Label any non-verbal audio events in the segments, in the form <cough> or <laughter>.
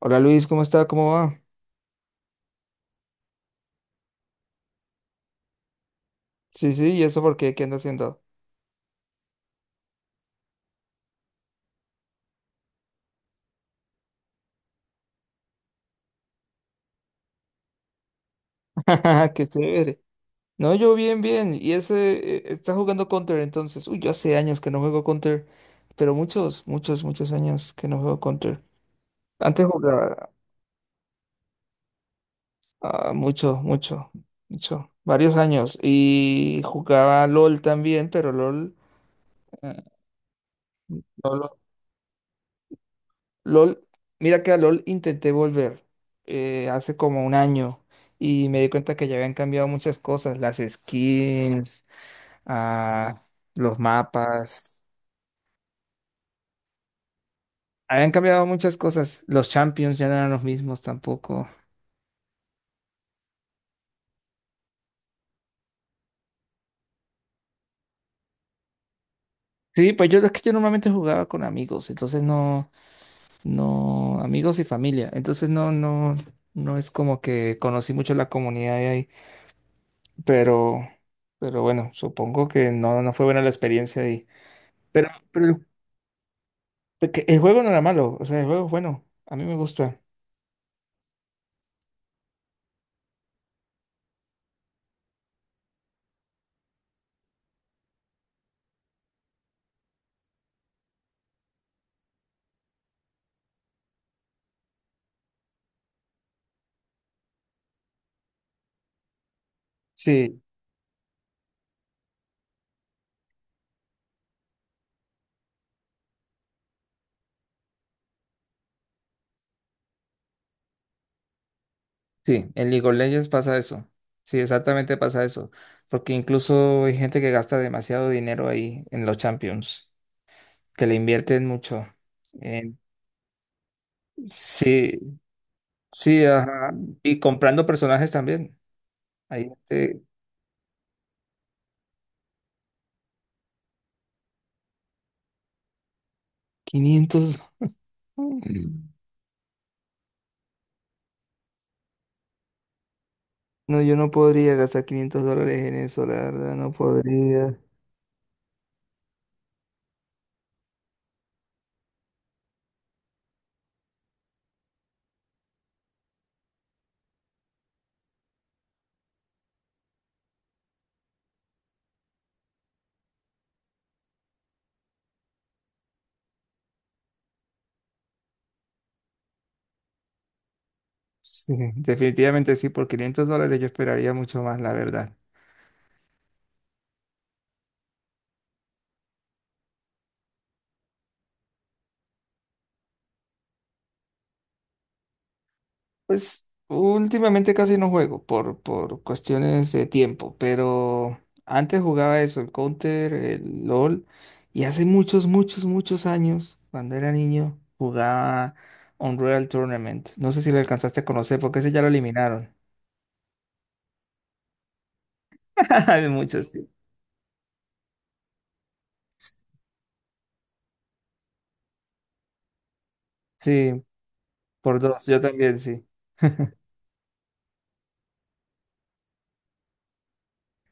Hola Luis, ¿cómo está? ¿Cómo va? Sí, sí, ¿y eso por qué? ¿Qué anda haciendo? <laughs> Qué chévere. No, yo bien, bien. Y ese, está jugando Counter entonces. Uy, yo hace años que no juego Counter, pero muchos, muchos, muchos años que no juego Counter. Antes jugaba mucho, mucho, mucho, varios años. Y jugaba LOL también, eh, LOL LOL, mira que a LOL intenté volver hace como un año y me di cuenta que ya habían cambiado muchas cosas, las skins, ah, los mapas, habían cambiado muchas cosas, los champions ya no eran los mismos tampoco. Sí, pues yo es que yo normalmente jugaba con amigos, entonces no, no, amigos y familia, entonces no, no, no es como que conocí mucho la comunidad de ahí, pero, bueno, supongo que no, no fue buena la experiencia ahí. Pero el Porque el juego no era malo, o sea, el juego es bueno, a mí me gusta. Sí, sí, en League of Legends pasa eso. Sí, exactamente pasa eso. Porque incluso hay gente que gasta demasiado dinero ahí en los Champions, que le invierten mucho. Eh, sí, sí, ajá. Y comprando personajes también. Hay gente, quinientos. Mm. No, yo no podría gastar $500 en eso, la verdad, no podría. Sí, definitivamente sí, por $500 yo esperaría mucho más, la verdad. Pues últimamente casi no juego por cuestiones de tiempo, pero antes jugaba eso, el Counter, el LOL, y hace muchos, muchos, muchos años, cuando era niño, jugaba Unreal Tournament. No sé si lo alcanzaste a conocer, porque ese ya lo eliminaron. <laughs> Hace muchos, sí. Sí, por dos, yo también, sí. <laughs>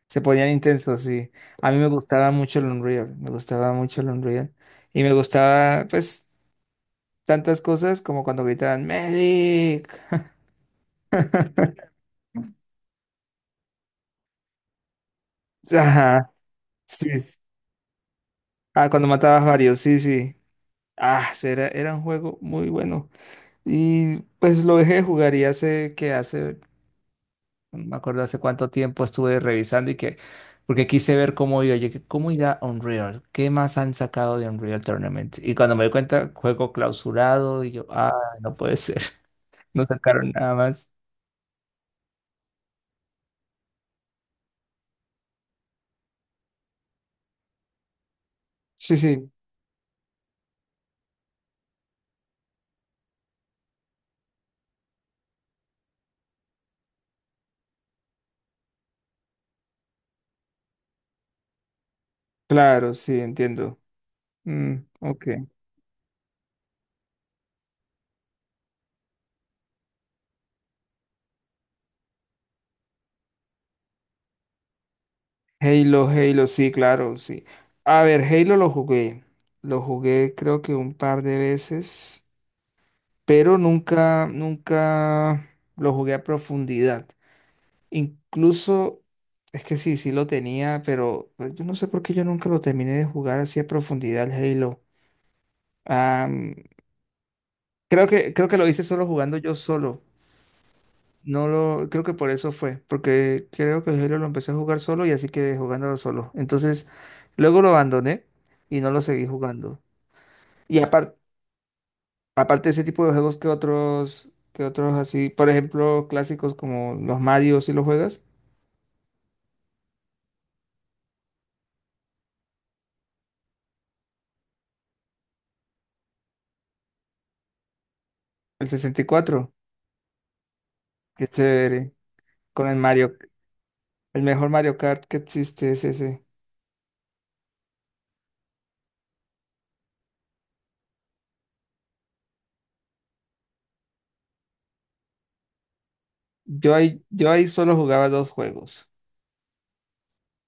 Se ponían intensos, sí. A mí me gustaba mucho el Unreal, me gustaba mucho el Unreal. Y me gustaba, pues, tantas cosas como cuando gritaban Medic. <laughs> Ajá, sí. Sí. Ah, cuando matabas varios, sí, sí. Ah, sí, era un juego muy bueno. Y pues lo dejé de jugar y hace que hace, no me acuerdo hace cuánto tiempo estuve revisando y que, porque quise ver cómo iba, yo, que, cómo irá Unreal, qué más han sacado de Unreal Tournament. Y cuando me di cuenta, juego clausurado y yo, ah, no puede ser, <laughs> no sacaron nada más. Sí, sí, claro, sí, entiendo. Mm, ok. Halo, Halo, sí, claro, sí. A ver, Halo lo jugué. Lo jugué creo que un par de veces, pero nunca, nunca lo jugué a profundidad. Incluso, es que sí, sí lo tenía, pero pues, yo no sé por qué yo nunca lo terminé de jugar así a profundidad el Halo. Am, creo que lo hice solo jugando yo solo. No lo, creo que por eso fue, porque creo que Halo lo empecé a jugar solo y así quedé jugándolo solo. Entonces, luego lo abandoné y no lo seguí jugando. Y aparte, aparte de ese tipo de juegos que otros así, por ejemplo, clásicos como los Mario, si lo juegas, el 64, qué chévere, con el Mario, el mejor Mario Kart que existe es ese. Yo ahí solo jugaba dos juegos,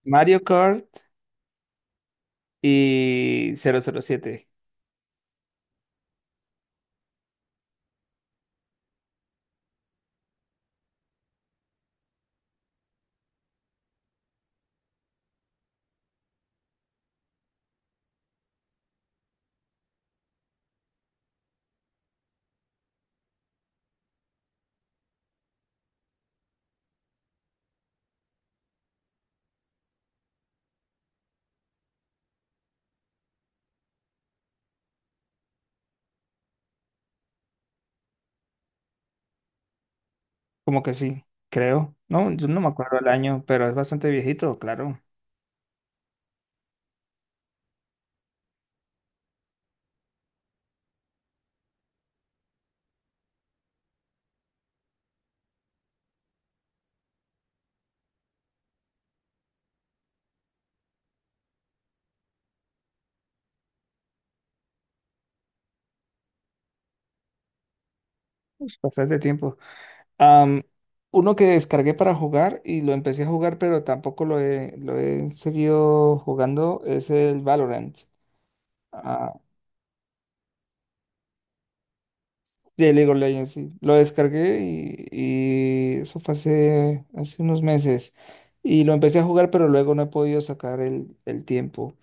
Mario Kart y 007. Como que sí, creo. No, yo no me acuerdo el año, pero es bastante viejito, claro. Bastante tiempo. Am, uno que descargué para jugar y lo empecé a jugar, pero tampoco lo he seguido jugando, es el Valorant. Ah, de League of Legends, sí. Lo descargué y eso fue hace, hace unos meses. Y lo empecé a jugar, pero luego no he podido sacar el tiempo.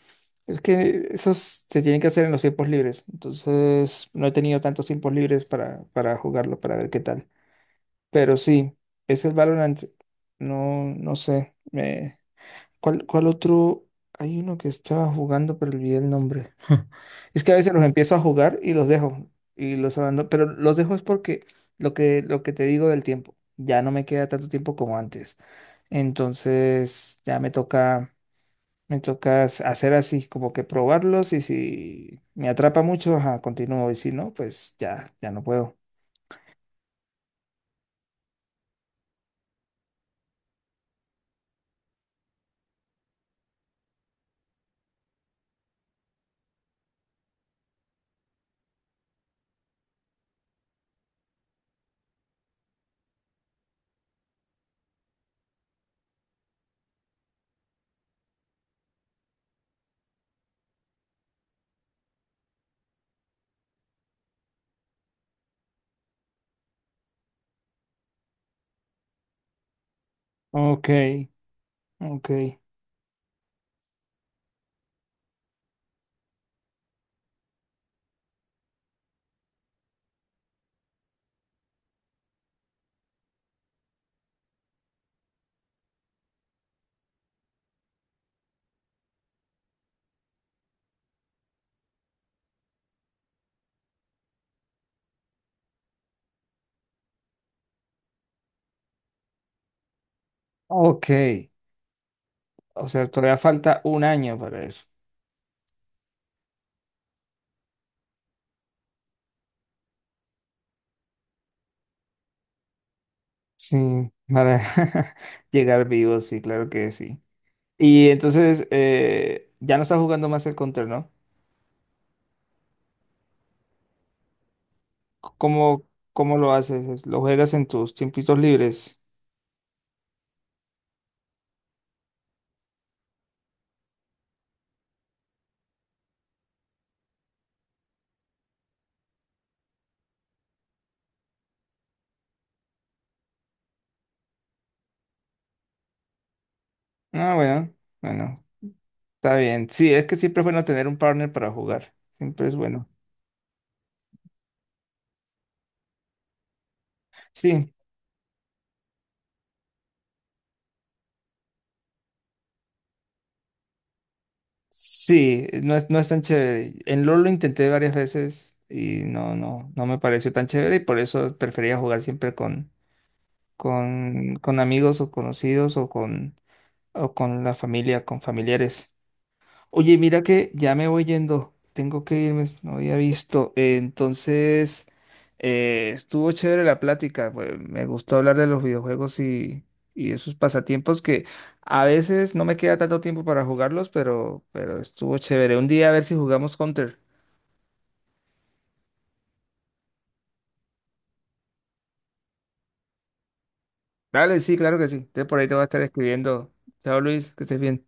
Es que esos se tienen que hacer en los tiempos libres, entonces no he tenido tantos tiempos libres para jugarlo, para ver qué tal. Pero sí, es el Valorant, no, no sé. ¿Cuál otro? Hay uno que estaba jugando, pero olvidé el nombre. <laughs> Es que a veces los empiezo a jugar y los dejo, y los abandono, pero los dejo es porque lo que te digo del tiempo, ya no me queda tanto tiempo como antes. Entonces ya me toca. Me toca hacer así, como que probarlos y si me atrapa mucho, ajá, continúo y si no, pues ya, ya no puedo. Ok, ok, ok. O sea, todavía falta un año para eso. Sí, para <laughs> llegar vivo, sí, claro que sí. Y entonces, ya no estás jugando más el Counter, ¿no? C- ¿Cómo, cómo lo haces? ¿Lo juegas en tus tiempitos libres? Ah, bueno, bueno, está bien. Sí, es que siempre es bueno tener un partner para jugar. Siempre es bueno. Sí, sí, no es, no es tan chévere. En LoL lo intenté varias veces y no, no, no me pareció tan chévere y por eso prefería jugar siempre con, con amigos o conocidos o con la familia, con familiares. Oye, mira que ya me voy yendo, tengo que irme, no había visto. Entonces, estuvo chévere la plática, pues, me gustó hablar de los videojuegos y esos pasatiempos que a veces no me queda tanto tiempo para jugarlos, pero estuvo chévere. Un día a ver si jugamos Counter. Dale, sí, claro que sí. Entonces por ahí te voy a estar escribiendo. Chao Luis, que estés bien.